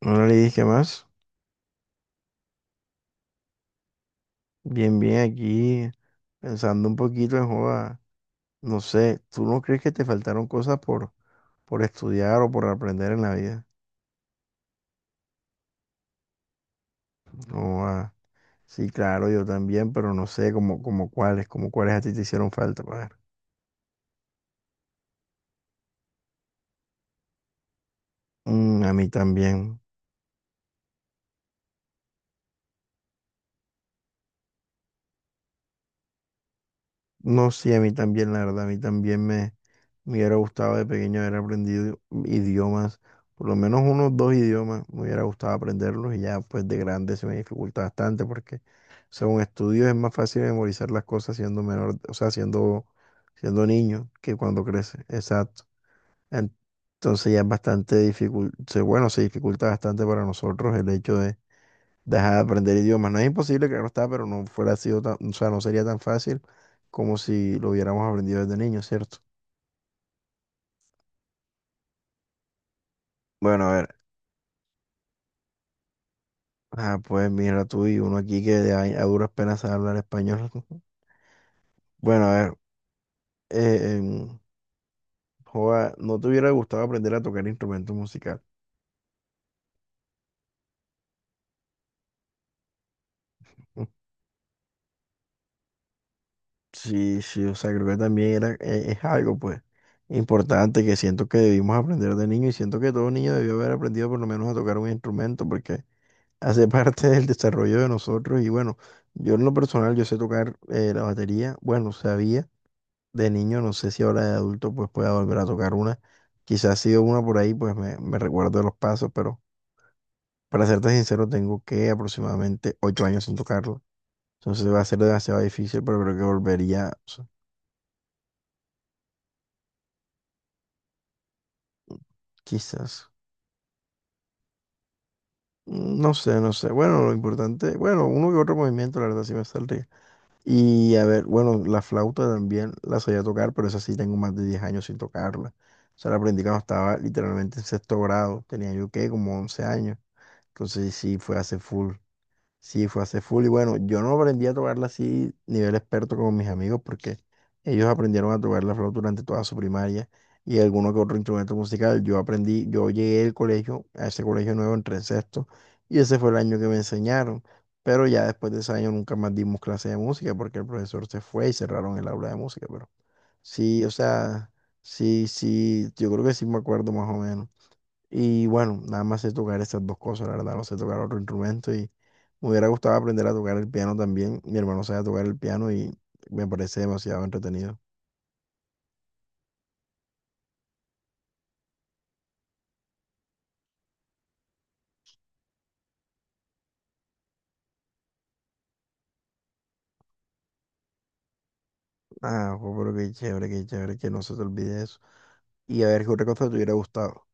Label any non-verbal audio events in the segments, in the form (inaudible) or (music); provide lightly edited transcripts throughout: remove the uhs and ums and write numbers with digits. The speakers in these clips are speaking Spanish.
No le dije más. Bien, bien, aquí pensando un poquito en joda. No sé, ¿tú no crees que te faltaron cosas por estudiar o por aprender en la vida? No, sí, claro, yo también, pero no sé como cuáles, como cuáles a ti te hicieron falta, padre. Mm, a mí también. No, sí, a mí también, la verdad, a mí también me hubiera gustado de pequeño haber aprendido idiomas, por lo menos unos dos idiomas, me hubiera gustado aprenderlos y ya pues de grande se me dificulta bastante porque según estudios es más fácil memorizar las cosas siendo menor, o sea, siendo niño que cuando crece. Exacto. En- Entonces ya es bastante difícil, bueno, se dificulta bastante para nosotros el hecho de dejar de aprender idiomas. No es imposible, claro está, pero no fuera sido tan, o sea, no sería tan fácil como si lo hubiéramos aprendido desde niño, ¿cierto? Bueno, a ver. Ah, pues mira tú y uno aquí que de ahí a duras penas sabe hablar español. (laughs) Bueno, a ver, eh, em, joa, ¿no te hubiera gustado aprender a tocar instrumento musical? (laughs) Sí, sí, o sea, creo que también es algo, pues, importante que siento que debimos aprender de niño y siento que todo niño debió haber aprendido por lo menos a tocar un instrumento porque (laughs) hace parte del desarrollo de nosotros. Y bueno, yo en lo personal, yo sé tocar la batería, bueno, sabía de niño. No sé si ahora de adulto pues pueda volver a tocar una. Quizás si sido una por ahí, pues me recuerdo de los pasos, pero para serte sincero, tengo que aproximadamente 8 años sin tocarlo. Entonces va a ser demasiado difícil, pero creo que volvería, o sea, quizás. No sé, no sé. Bueno, lo importante, bueno, uno que otro movimiento, la verdad sí me saldría. Y a ver, bueno, la flauta también la sabía tocar, pero esa sí tengo más de 10 años sin tocarla. O sea, la aprendí cuando estaba literalmente en sexto grado. Tenía yo, ¿qué? Como 11 años. Entonces sí, fue hace full. Sí, fue hace full. Y bueno, yo no aprendí a tocarla así, nivel experto como mis amigos, porque ellos aprendieron a tocar la flauta durante toda su primaria y alguno que otro instrumento musical. Yo aprendí, yo llegué al colegio, a ese colegio nuevo, entré en sexto, y ese fue el año que me enseñaron. Pero ya después de ese año nunca más dimos clase de música porque el profesor se fue y cerraron el aula de música. Pero sí, o sea, sí, sí, yo creo que sí me acuerdo más o menos. Y bueno, nada más sé tocar esas dos cosas, la verdad, no sé tocar otro instrumento y me hubiera gustado aprender a tocar el piano también. Mi hermano sabe tocar el piano y me parece demasiado entretenido. Ah, jo, pero qué chévere, que no se te olvide eso. Y a ver qué otra cosa te hubiera gustado.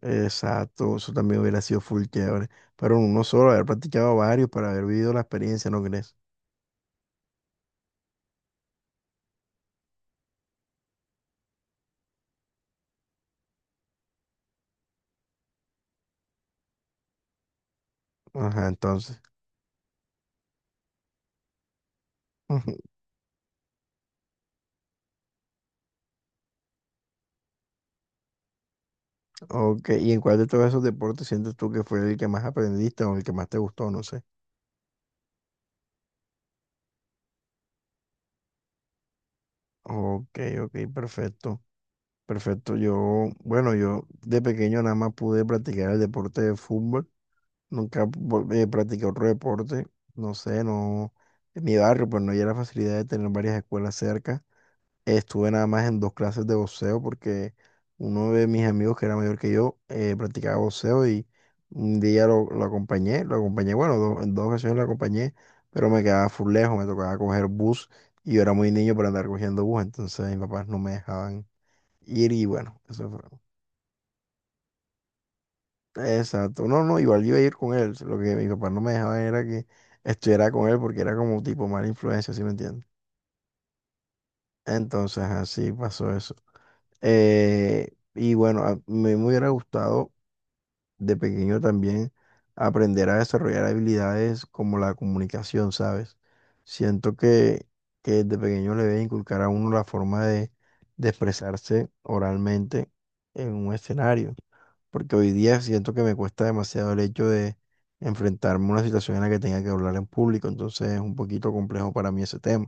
Exacto, eso también hubiera sido full chévere. Pero uno solo, haber practicado varios para haber vivido la experiencia, ¿no crees? Ajá, entonces. (laughs) Ujú. Ok, ¿y en cuál de todos esos deportes sientes tú que fue el que más aprendiste o el que más te gustó? No sé. Ok, ok, perfecto. Perfecto. Yo, bueno, yo de pequeño nada más pude practicar el deporte de fútbol. Nunca vol- Practiqué otro deporte. No sé, no. En mi barrio, pues no había la facilidad de tener varias escuelas cerca. Estuve nada más en 2 clases de boxeo porque uno de mis amigos que era mayor que yo practicaba boxeo y un día lo acompañé. Lo acompañé, bueno, en 2 ocasiones lo acompañé, pero me quedaba full lejos. Me tocaba coger bus y yo era muy niño para andar cogiendo bus. Entonces mis papás no me dejaban ir y bueno, eso fue. Exacto, no, no, igual yo iba a ir con él, lo que mi papá no me dejaba era que estuviera con él porque era como tipo mala influencia, ¿sí me entiendes? Entonces así pasó eso. Y bueno, me hubiera gustado de pequeño también aprender a desarrollar habilidades como la comunicación, ¿sabes? Siento que de pequeño le debe inculcar a uno la forma de expresarse oralmente en un escenario porque hoy día siento que me cuesta demasiado el hecho de enfrentarme a una situación en la que tenga que hablar en público, entonces es un poquito complejo para mí ese tema.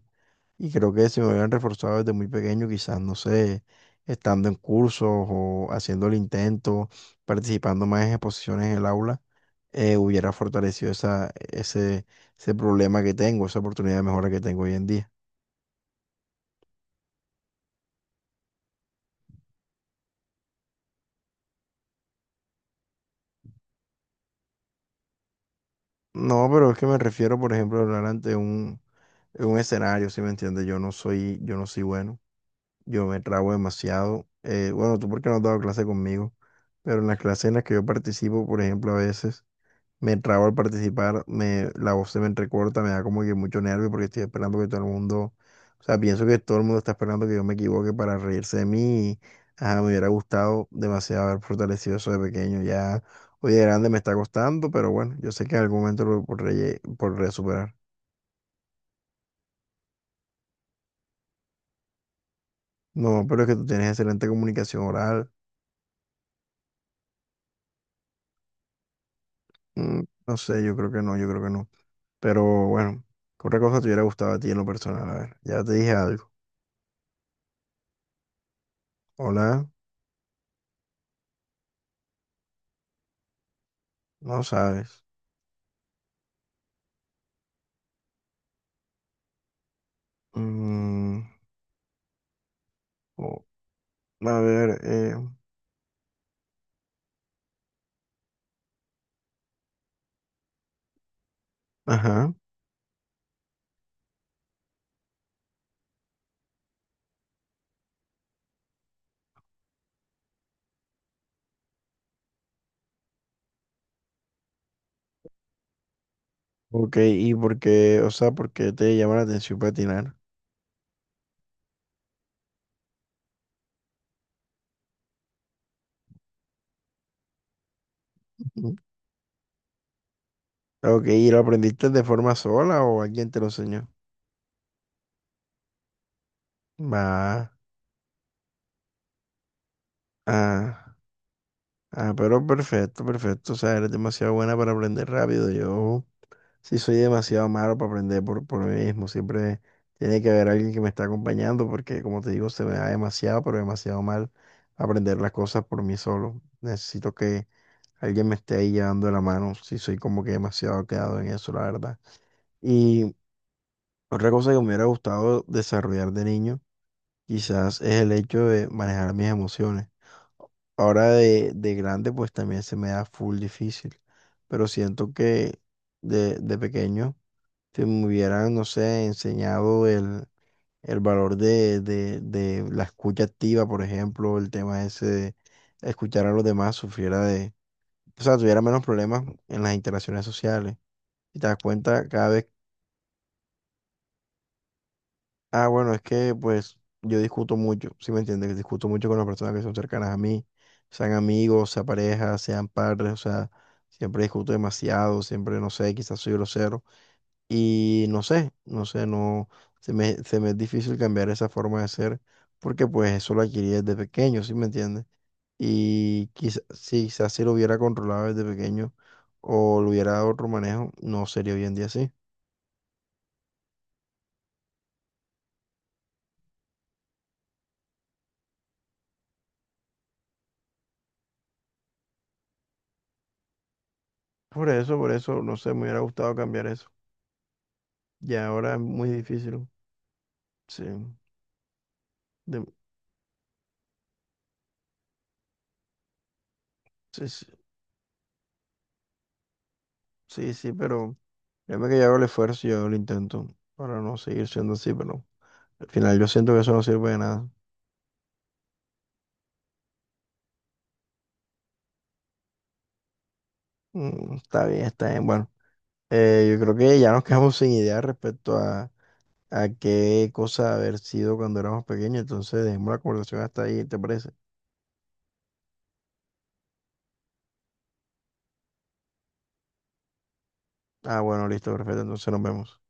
Y creo que si me hubieran reforzado desde muy pequeño, quizás, no sé, estando en cursos o haciendo el intento, participando más en exposiciones en el aula, hubiera fortalecido ese problema que tengo, esa oportunidad de mejora que tengo hoy en día. No, pero es que me refiero, por ejemplo, a hablar en un escenario, ¿si me entiendes? Yo no soy bueno. Yo me trago demasiado. Bueno, tú porque no has dado clase conmigo, pero en las clases en las que yo participo, por ejemplo, a veces me trago al participar, la voz se me entrecorta, me da como que mucho nervio porque estoy esperando que todo el mundo, o sea, pienso que todo el mundo está esperando que yo me equivoque para reírse de mí. Ajá, me hubiera gustado demasiado haber fortalecido eso de pequeño. Ya hoy de grande me está costando, pero bueno, yo sé que en algún momento lo podré superar. No, pero es que tú tienes excelente comunicación oral. Mm, no sé, yo creo que no, yo creo que no. Pero bueno, ¿qué otra cosa te hubiera gustado a ti en lo personal? A ver, ya te dije algo. Hola, no sabes. Mm, o- a ver, ajá. Ok, ¿y por qué, o sea, por qué te llama la atención patinar? Ujú. Ok, ¿y lo aprendiste de forma sola o alguien te lo enseñó? Va, ah, ah, pero perfecto, perfecto. O sea, eres demasiado buena para aprender rápido. Yo. Sí, soy demasiado malo para aprender por mí mismo. Siempre tiene que haber alguien que me está acompañando porque, como te digo, se me da demasiado, pero demasiado mal aprender las cosas por mí solo. Necesito que alguien me esté ahí llevando la mano. Sí, soy como que demasiado quedado en eso, la verdad. Y otra cosa que me hubiera gustado desarrollar de niño, quizás es el hecho de manejar mis emociones. Ahora de grande, pues también se me da full difícil, pero siento que de pequeño si me hubieran, no sé, enseñado el valor de la escucha activa, por ejemplo, el tema ese de escuchar a los demás, sufriera de, o sea, tuviera menos problemas en las interacciones sociales. Y te das cuenta cada vez, ah, bueno, es que pues yo discuto mucho, ¿sí me entiendes? Discuto mucho con las personas que son cercanas a mí, sean amigos, sean parejas, sean padres, o sea, siempre discuto demasiado, siempre, no sé, quizás soy grosero. Y no sé, no sé, no, se me es difícil cambiar esa forma de ser porque pues eso lo adquirí desde pequeño, ¿sí me entiendes? Y quizás si lo hubiera controlado desde pequeño o lo hubiera dado otro manejo, no sería hoy en día así. Por eso, no sé, me hubiera gustado cambiar eso. Y ahora es muy difícil. Sí, de- sí, sí, sí, sí, pero créeme que yo hago el esfuerzo y yo hago el intento para no seguir siendo así, pero al final yo siento que eso no sirve de nada. Mm, está bien, está bien. Bueno. Yo creo que ya nos quedamos sin idea respecto a qué cosa haber sido cuando éramos pequeños, entonces dejemos la conversación hasta ahí, ¿te parece? Ah, bueno, listo, perfecto, entonces nos vemos.